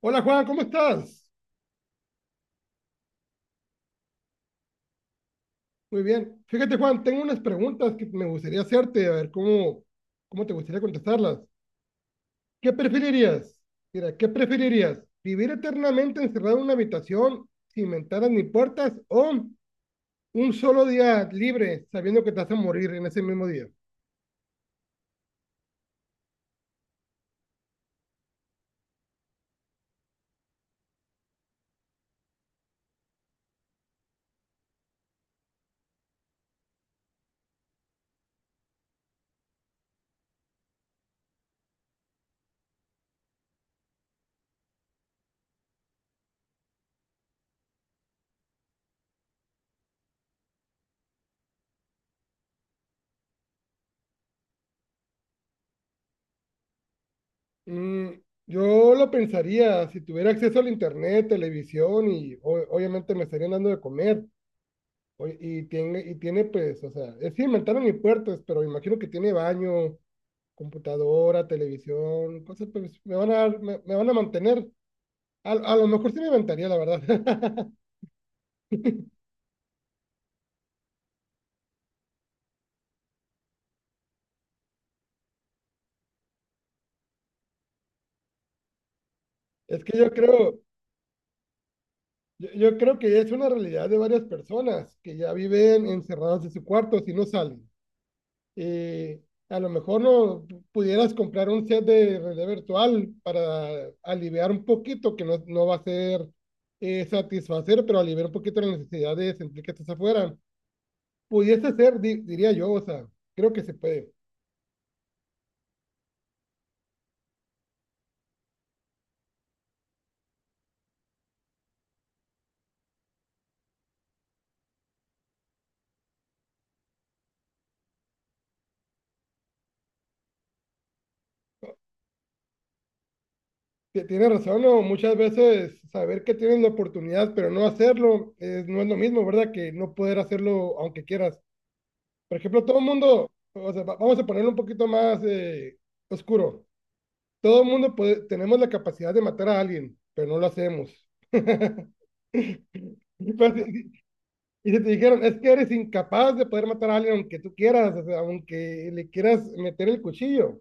Hola Juan, ¿cómo estás? Muy bien. Fíjate Juan, tengo unas preguntas que me gustaría hacerte, a ver cómo te gustaría contestarlas. ¿Qué preferirías? Mira, ¿qué preferirías? ¿Vivir eternamente encerrado en una habitación sin ventanas ni puertas o un solo día libre sabiendo que te vas a morir en ese mismo día? Mm, yo lo pensaría, si tuviera acceso al internet, televisión y obviamente me estarían dando de comer. Oye, y tiene, pues, o sea, es sin ventana ni puertas, pero imagino que tiene baño, computadora, televisión, cosas, pues me van a, me van a mantener. A lo mejor sí me inventaría, la verdad. Es que yo creo que es una realidad de varias personas que ya viven encerradas en su cuarto si no salen. Y a lo mejor no pudieras comprar un set de realidad virtual para aliviar un poquito, que no va a ser satisfacer, pero aliviar un poquito la necesidad de sentir que estás afuera. Pudiese ser, diría yo, o sea, creo que se puede. Tienes razón, ¿no? Muchas veces saber que tienes la oportunidad, pero no hacerlo, no es lo mismo, ¿verdad? Que no poder hacerlo aunque quieras. Por ejemplo, todo el mundo, o sea, vamos a ponerlo un poquito más oscuro. Todo el mundo tenemos la capacidad de matar a alguien, pero no lo hacemos. Pues, y si te dijeron, es que eres incapaz de poder matar a alguien aunque tú quieras, o sea, aunque le quieras meter el cuchillo,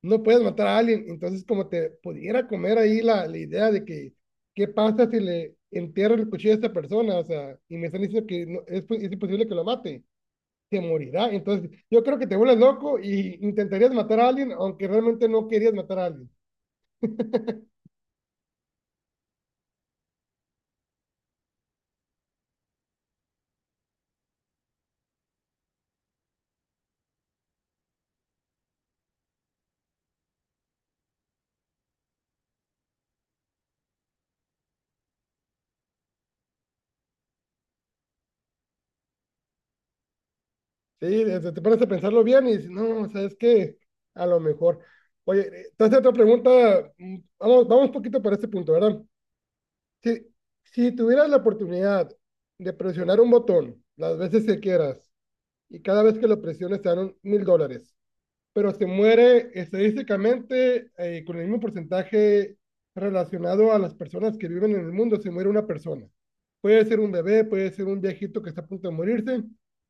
no puedes matar a alguien. Entonces, como te pudiera comer ahí la idea de que, ¿qué pasa si le entierro el cuchillo a esta persona? O sea, y me están diciendo que es imposible que lo mate, te morirá. Entonces, yo creo que te vuelves loco y intentarías matar a alguien, aunque realmente no querías matar a alguien. Sí, o sea, te pones a pensarlo bien y dices, no, ¿sabes qué? A lo mejor. Oye, entonces otra pregunta, vamos un poquito para este punto, ¿verdad? Si, si tuvieras la oportunidad de presionar un botón las veces que quieras y cada vez que lo presiones te dan $1000. Pero se muere estadísticamente con el mismo porcentaje relacionado a las personas que viven en el mundo, se muere una persona. Puede ser un bebé, puede ser un viejito que está a punto de morirse,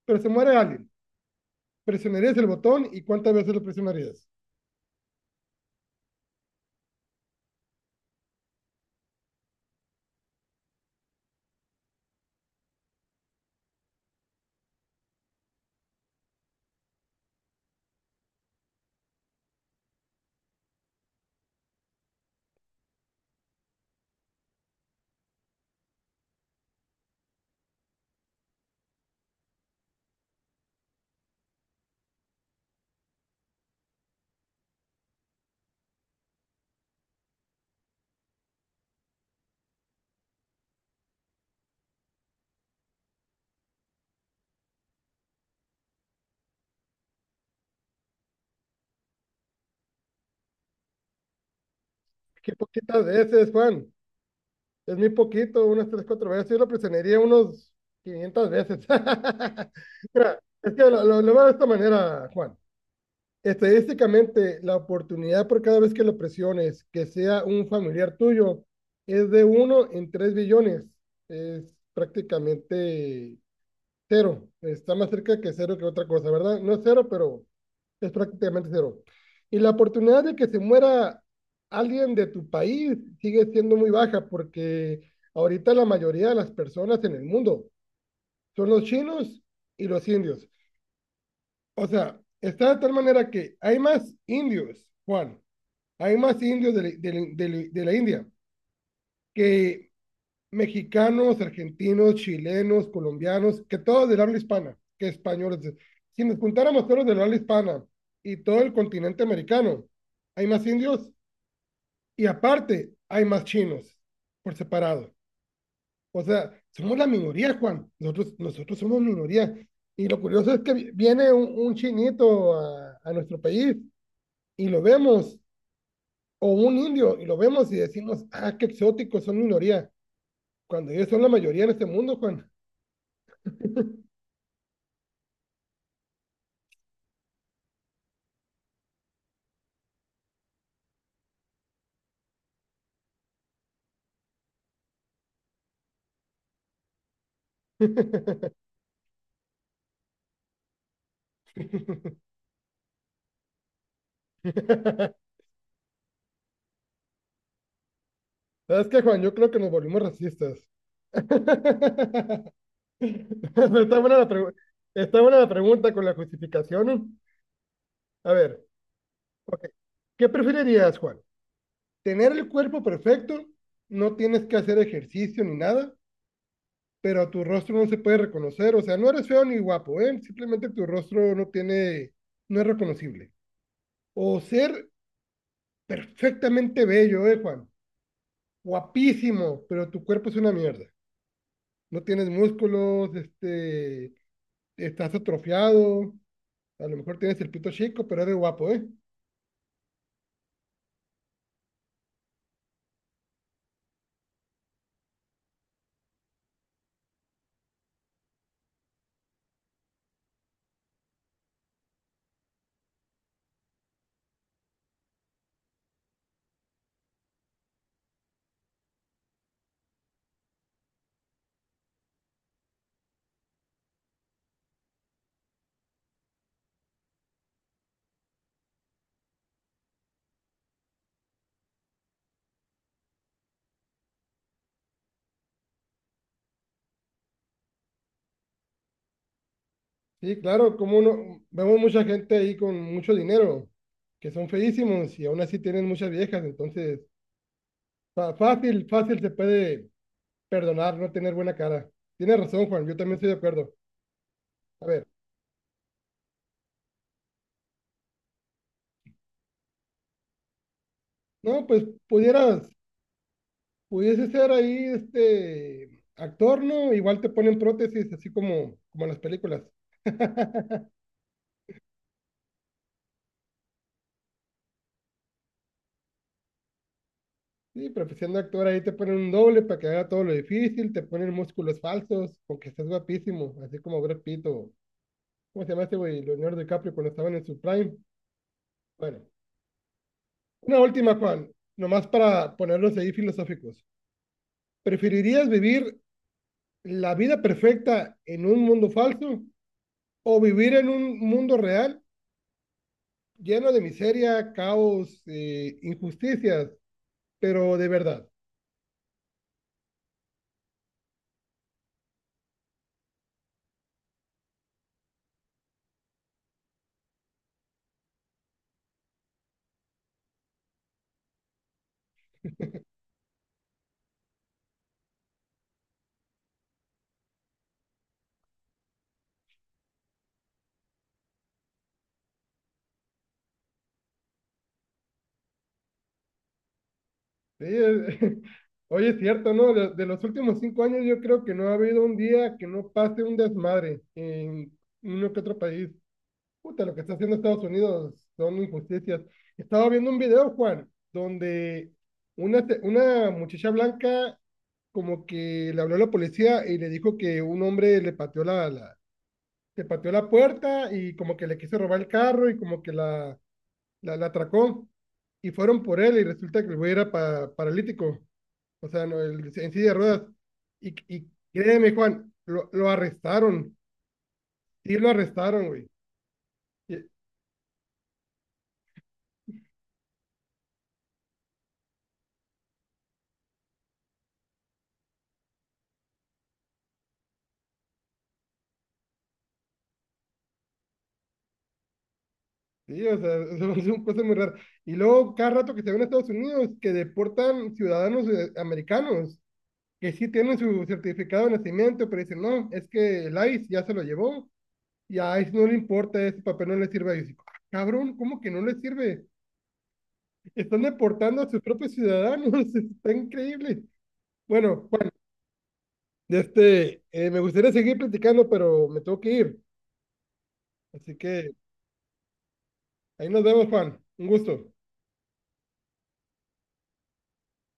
pero se muere alguien. ¿Presionarías el botón y cuántas veces lo presionarías? Qué poquitas veces, Juan. Es muy poquito, unas tres, cuatro veces. Yo lo presionaría unos 500 veces. Mira, es que lo veo de esta manera, Juan. Estadísticamente, la oportunidad por cada vez que lo presiones, que sea un familiar tuyo, es de uno en 3 billones. Es prácticamente cero. Está más cerca que cero que otra cosa, ¿verdad? No es cero, pero es prácticamente cero. Y la oportunidad de que se muera alguien de tu país sigue siendo muy baja porque ahorita la mayoría de las personas en el mundo son los chinos y los indios. O sea, está de tal manera que hay más indios, Juan, hay más indios de, de la India que mexicanos, argentinos, chilenos, colombianos, que todos del habla hispana, que españoles. Si nos juntáramos todos del habla hispana y todo el continente americano, hay más indios y aparte hay más chinos por separado. O sea, somos la minoría, Juan. Nosotros somos minoría. Y lo curioso es que viene un, chinito a nuestro país y lo vemos, o un indio y lo vemos y decimos, ah, qué exóticos, son minoría, cuando ellos son la mayoría en este mundo, Juan. ¿Sabes qué, Juan? Yo creo que nos volvimos racistas. Está buena la pregunta Está buena la pregunta con la justificación. A ver, ok. ¿Qué preferirías, Juan? ¿Tener el cuerpo perfecto? No tienes que hacer ejercicio ni nada, pero tu rostro no se puede reconocer. O sea, no eres feo ni guapo, ¿eh? Simplemente tu rostro no tiene, no es reconocible. O ser perfectamente bello, ¿eh, Juan? Guapísimo, pero tu cuerpo es una mierda. No tienes músculos, este, estás atrofiado, a lo mejor tienes el pito chico, pero eres guapo, ¿eh? Sí, claro, como uno, vemos mucha gente ahí con mucho dinero, que son feísimos y aún así tienen muchas viejas, entonces fácil se puede perdonar no tener buena cara. Tienes razón, Juan, yo también estoy de acuerdo. A ver, no, pues pudieras Pudiese ser ahí este actor, ¿no? Igual te ponen prótesis, así como, como en las películas. Sí, pero pues siendo actor ahí te ponen un doble para que haga todo lo difícil, te ponen músculos falsos, porque estás guapísimo, así como Brad Pitt o, ¿cómo se llama este güey? Leonardo DiCaprio cuando estaban en su prime. Bueno, una última, Juan, nomás para ponerlos ahí filosóficos. ¿Preferirías vivir la vida perfecta en un mundo falso o vivir en un mundo real lleno de miseria, caos, injusticias, pero de verdad? ¿Sí? Oye, es cierto, ¿no? Los últimos 5 años yo creo que no ha habido un día que no pase un desmadre en uno que otro país. Puta, lo que está haciendo Estados Unidos son injusticias. Estaba viendo un video, Juan, donde una, una muchacha blanca como que le habló a la policía y le dijo que un hombre le pateó la puerta y como que le quiso robar el carro y como que la atracó y fueron por él y resulta que el güey era paralítico, o sea, no, en silla de ruedas. Y créeme, Juan, lo arrestaron, sí lo arrestaron, güey. Y- Sí, o sea, son cosas muy raras. Y luego, cada rato que se ven a Estados Unidos, que deportan ciudadanos americanos, que sí tienen su certificado de nacimiento, pero dicen, no, es que el ICE ya se lo llevó, y a ICE no le importa, ese papel no le sirve a ICE. Ah, cabrón, ¿cómo que no le sirve? Están deportando a sus propios ciudadanos, está increíble. Bueno, Juan, este, me gustaría seguir platicando, pero me tengo que ir. Así que ahí nos vemos, Juan. Un gusto.